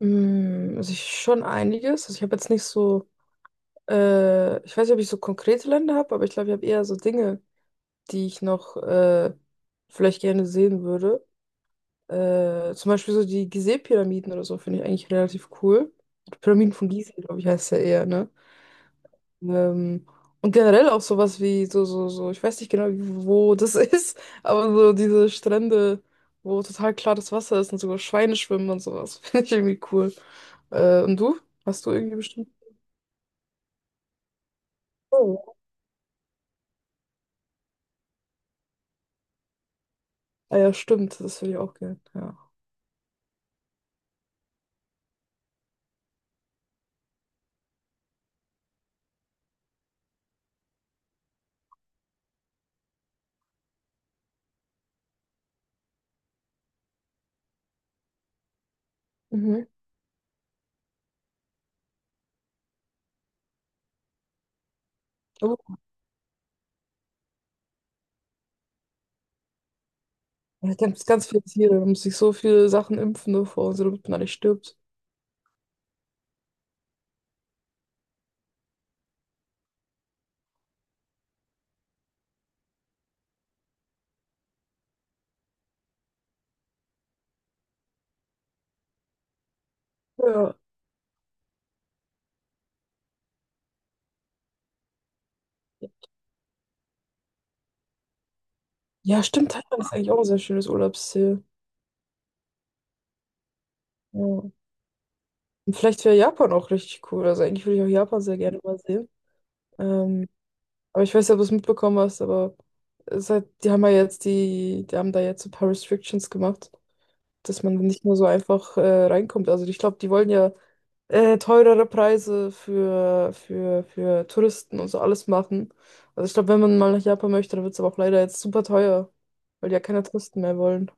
Also ich schon einiges. Also ich habe jetzt nicht so, ich weiß nicht, ob ich so konkrete Länder habe, aber ich glaube, ich habe eher so Dinge, die ich noch vielleicht gerne sehen würde. Zum Beispiel so die Gizeh-Pyramiden oder so finde ich eigentlich relativ cool. Die Pyramiden von Gizeh, glaube ich, heißt ja eher, ne? Ähm, und generell auch sowas wie so, ich weiß nicht genau, wo das ist, aber so diese Strände, wo total klares Wasser ist und sogar Schweine schwimmen und sowas, finde ich irgendwie cool. Und du? Hast du irgendwie bestimmt? Oh. Ah ja, stimmt, das würde ich auch gerne, ja. Mhm. Oh, ja, ganz viele Tiere, man muss sich so viele Sachen impfen davor, so damit man da nicht stirbt. Ja. Ja, stimmt, Thailand ist eigentlich auch ein sehr schönes Urlaubsziel. Ja. Und vielleicht wäre Japan auch richtig cool, also eigentlich würde ich auch Japan sehr gerne mal sehen. Ähm, Aber ich weiß nicht, ob du es mitbekommen hast, aber seit, die haben ja jetzt die haben da jetzt so ein paar Restrictions gemacht, dass man nicht mehr so einfach reinkommt. Also ich glaube, die wollen ja teurere Preise für Touristen und so alles machen. Also ich glaube, wenn man mal nach Japan möchte, dann wird es aber auch leider jetzt super teuer, weil die ja keine Touristen mehr wollen.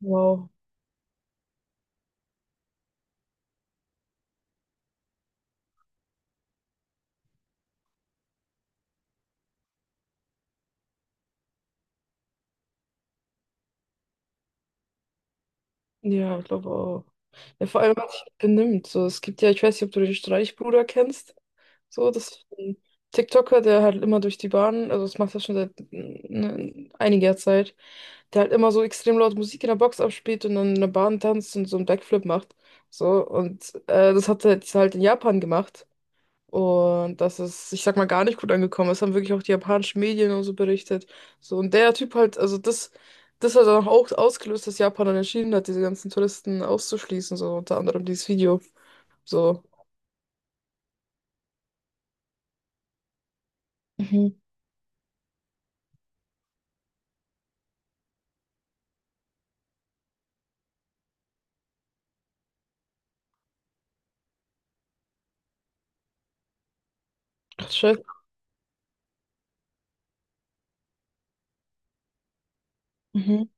Wow. Ja, ich glaube auch. Ja, vor allem, was sich benimmt. So, es gibt ja, ich weiß nicht, ob du den Streichbruder kennst. So, das ist ein TikToker, der halt immer durch die Bahn, also das macht er schon seit ne, einiger Zeit, der halt immer so extrem laut Musik in der Box abspielt und dann in der Bahn tanzt und so einen Backflip macht. So, und das hat er jetzt halt in Japan gemacht. Und das ist, ich sag mal, gar nicht gut angekommen. Das haben wirklich auch die japanischen Medien und so berichtet. So, und der Typ halt, also das hat dann auch ausgelöst, dass Japan dann entschieden hat, diese ganzen Touristen auszuschließen, so unter anderem dieses Video. So. Mhm. Ach, shit. Mhm.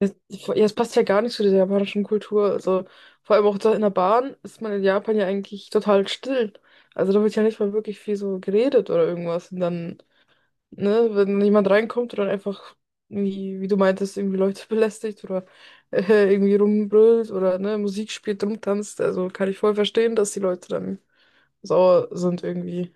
Ja, es passt ja gar nicht zu dieser japanischen Kultur. Also, vor allem auch da in der Bahn ist man in Japan ja eigentlich total still. Also, da wird ja nicht mal wirklich viel so geredet oder irgendwas. Und dann, ne, wenn jemand reinkommt und dann einfach, irgendwie, wie du meintest, irgendwie Leute belästigt oder äh, irgendwie rumbrüllt oder ne, Musik spielt, rumtanzt, also kann ich voll verstehen, dass die Leute dann sauer sind irgendwie.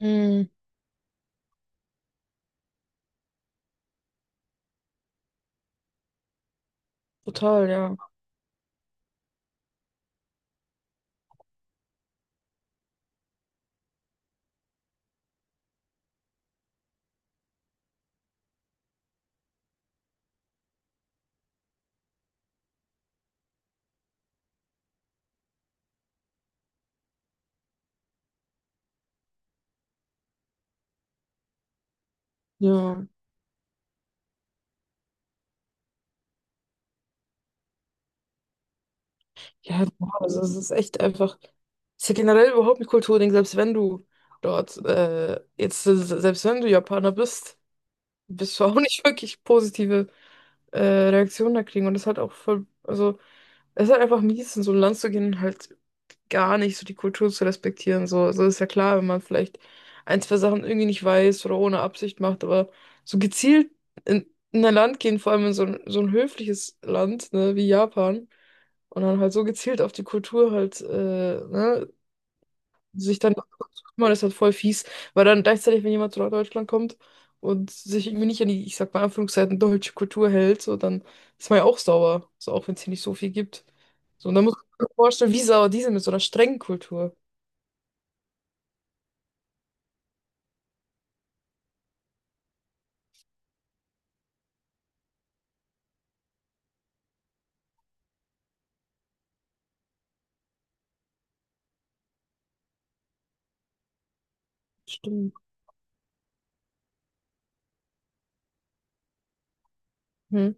Mhm, total, ja. Ja. Ja, boah, also es ist echt einfach. Es ist ja generell überhaupt ein Kulturding, selbst wenn du dort, selbst wenn du Japaner bist, wirst du auch nicht wirklich positive Reaktionen da kriegen. Und das ist halt auch voll, also es ist halt einfach mies, in so ein Land zu gehen und halt gar nicht so die Kultur zu respektieren. So, also ist ja klar, wenn man vielleicht ein, zwei Sachen irgendwie nicht weiß oder ohne Absicht macht, aber so gezielt in, in ein Land gehen, vor allem in so ein höfliches Land, ne, wie Japan, und dann halt so gezielt auf die Kultur halt, ne, sich dann noch zu kümmern, ist halt voll fies, weil dann gleichzeitig, wenn jemand zu Deutschland kommt und sich irgendwie nicht an die, ich sag mal in Anführungszeichen, deutsche Kultur hält, so, dann ist man ja auch sauer, so auch wenn es hier nicht so viel gibt. So, und dann muss man sich vorstellen, wie sauer die sind mit so einer strengen Kultur. Stimmt. Mhm.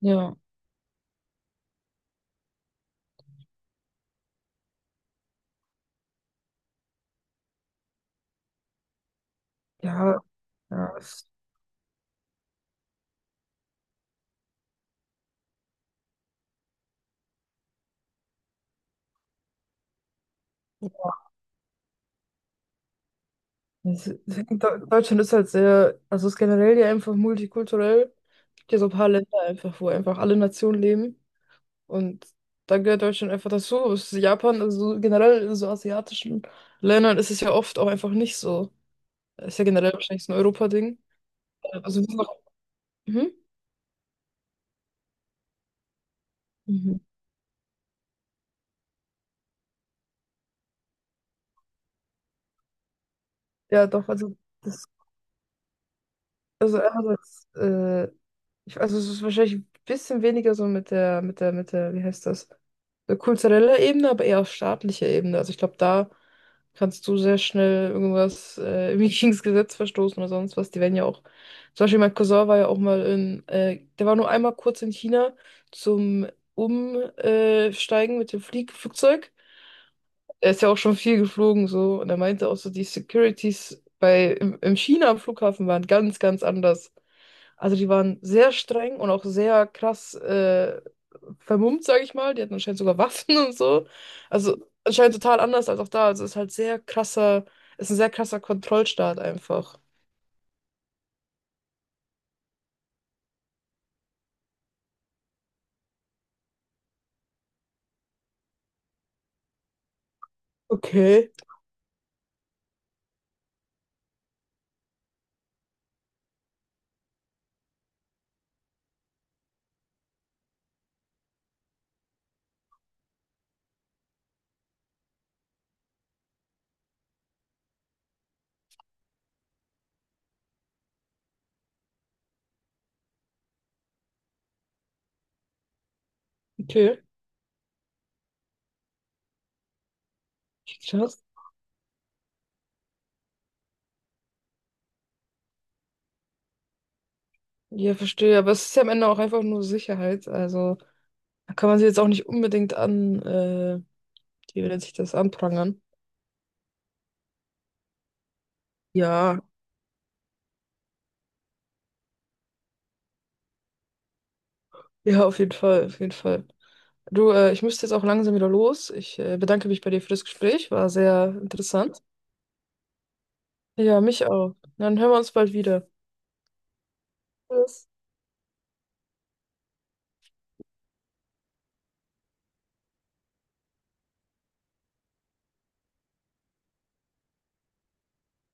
Ja, ja, ja. Deutschland ist halt sehr, also es ist generell ja einfach multikulturell. Es gibt ja so ein paar Länder einfach, wo einfach alle Nationen leben. Und da gehört Deutschland einfach dazu. Es ist Japan, also so generell in so asiatischen Ländern ist es ja oft auch einfach nicht so. Ist ja generell wahrscheinlich so ein Europa-Ding. Also, wir sind auch- Mhm. Mhm. Ja, doch, also. Also einerseits, also es ist wahrscheinlich ein bisschen weniger so mit der, wie heißt das, kultureller Ebene, aber eher auf staatlicher Ebene. Also ich glaube, da kannst du sehr schnell irgendwas irgendwie gegen das Gesetz verstoßen oder sonst was. Die werden ja auch, zum Beispiel mein Cousin war ja auch mal in, der war nur einmal kurz in China zum Umsteigen mit dem Flieg Flugzeug. Er ist ja auch schon viel geflogen so und er meinte auch so, die Securities bei, im China am Flughafen waren ganz anders. Also die waren sehr streng und auch sehr krass vermummt, sage ich mal. Die hatten anscheinend sogar Waffen und so. Also anscheinend total anders als auch da. Also ist halt sehr krasser, ist ein sehr krasser Kontrollstaat einfach. Okay, okay. Krass. Ja, verstehe. Aber es ist ja am Ende auch einfach nur Sicherheit. Also da kann man sie jetzt auch nicht unbedingt an, wie nennt sich das, anprangern. Ja, ja, auf jeden Fall, auf jeden Fall. Du, ich müsste jetzt auch langsam wieder los. Ich bedanke mich bei dir für das Gespräch. War sehr interessant. Ja, mich auch. Dann hören wir uns bald wieder. Tschüss.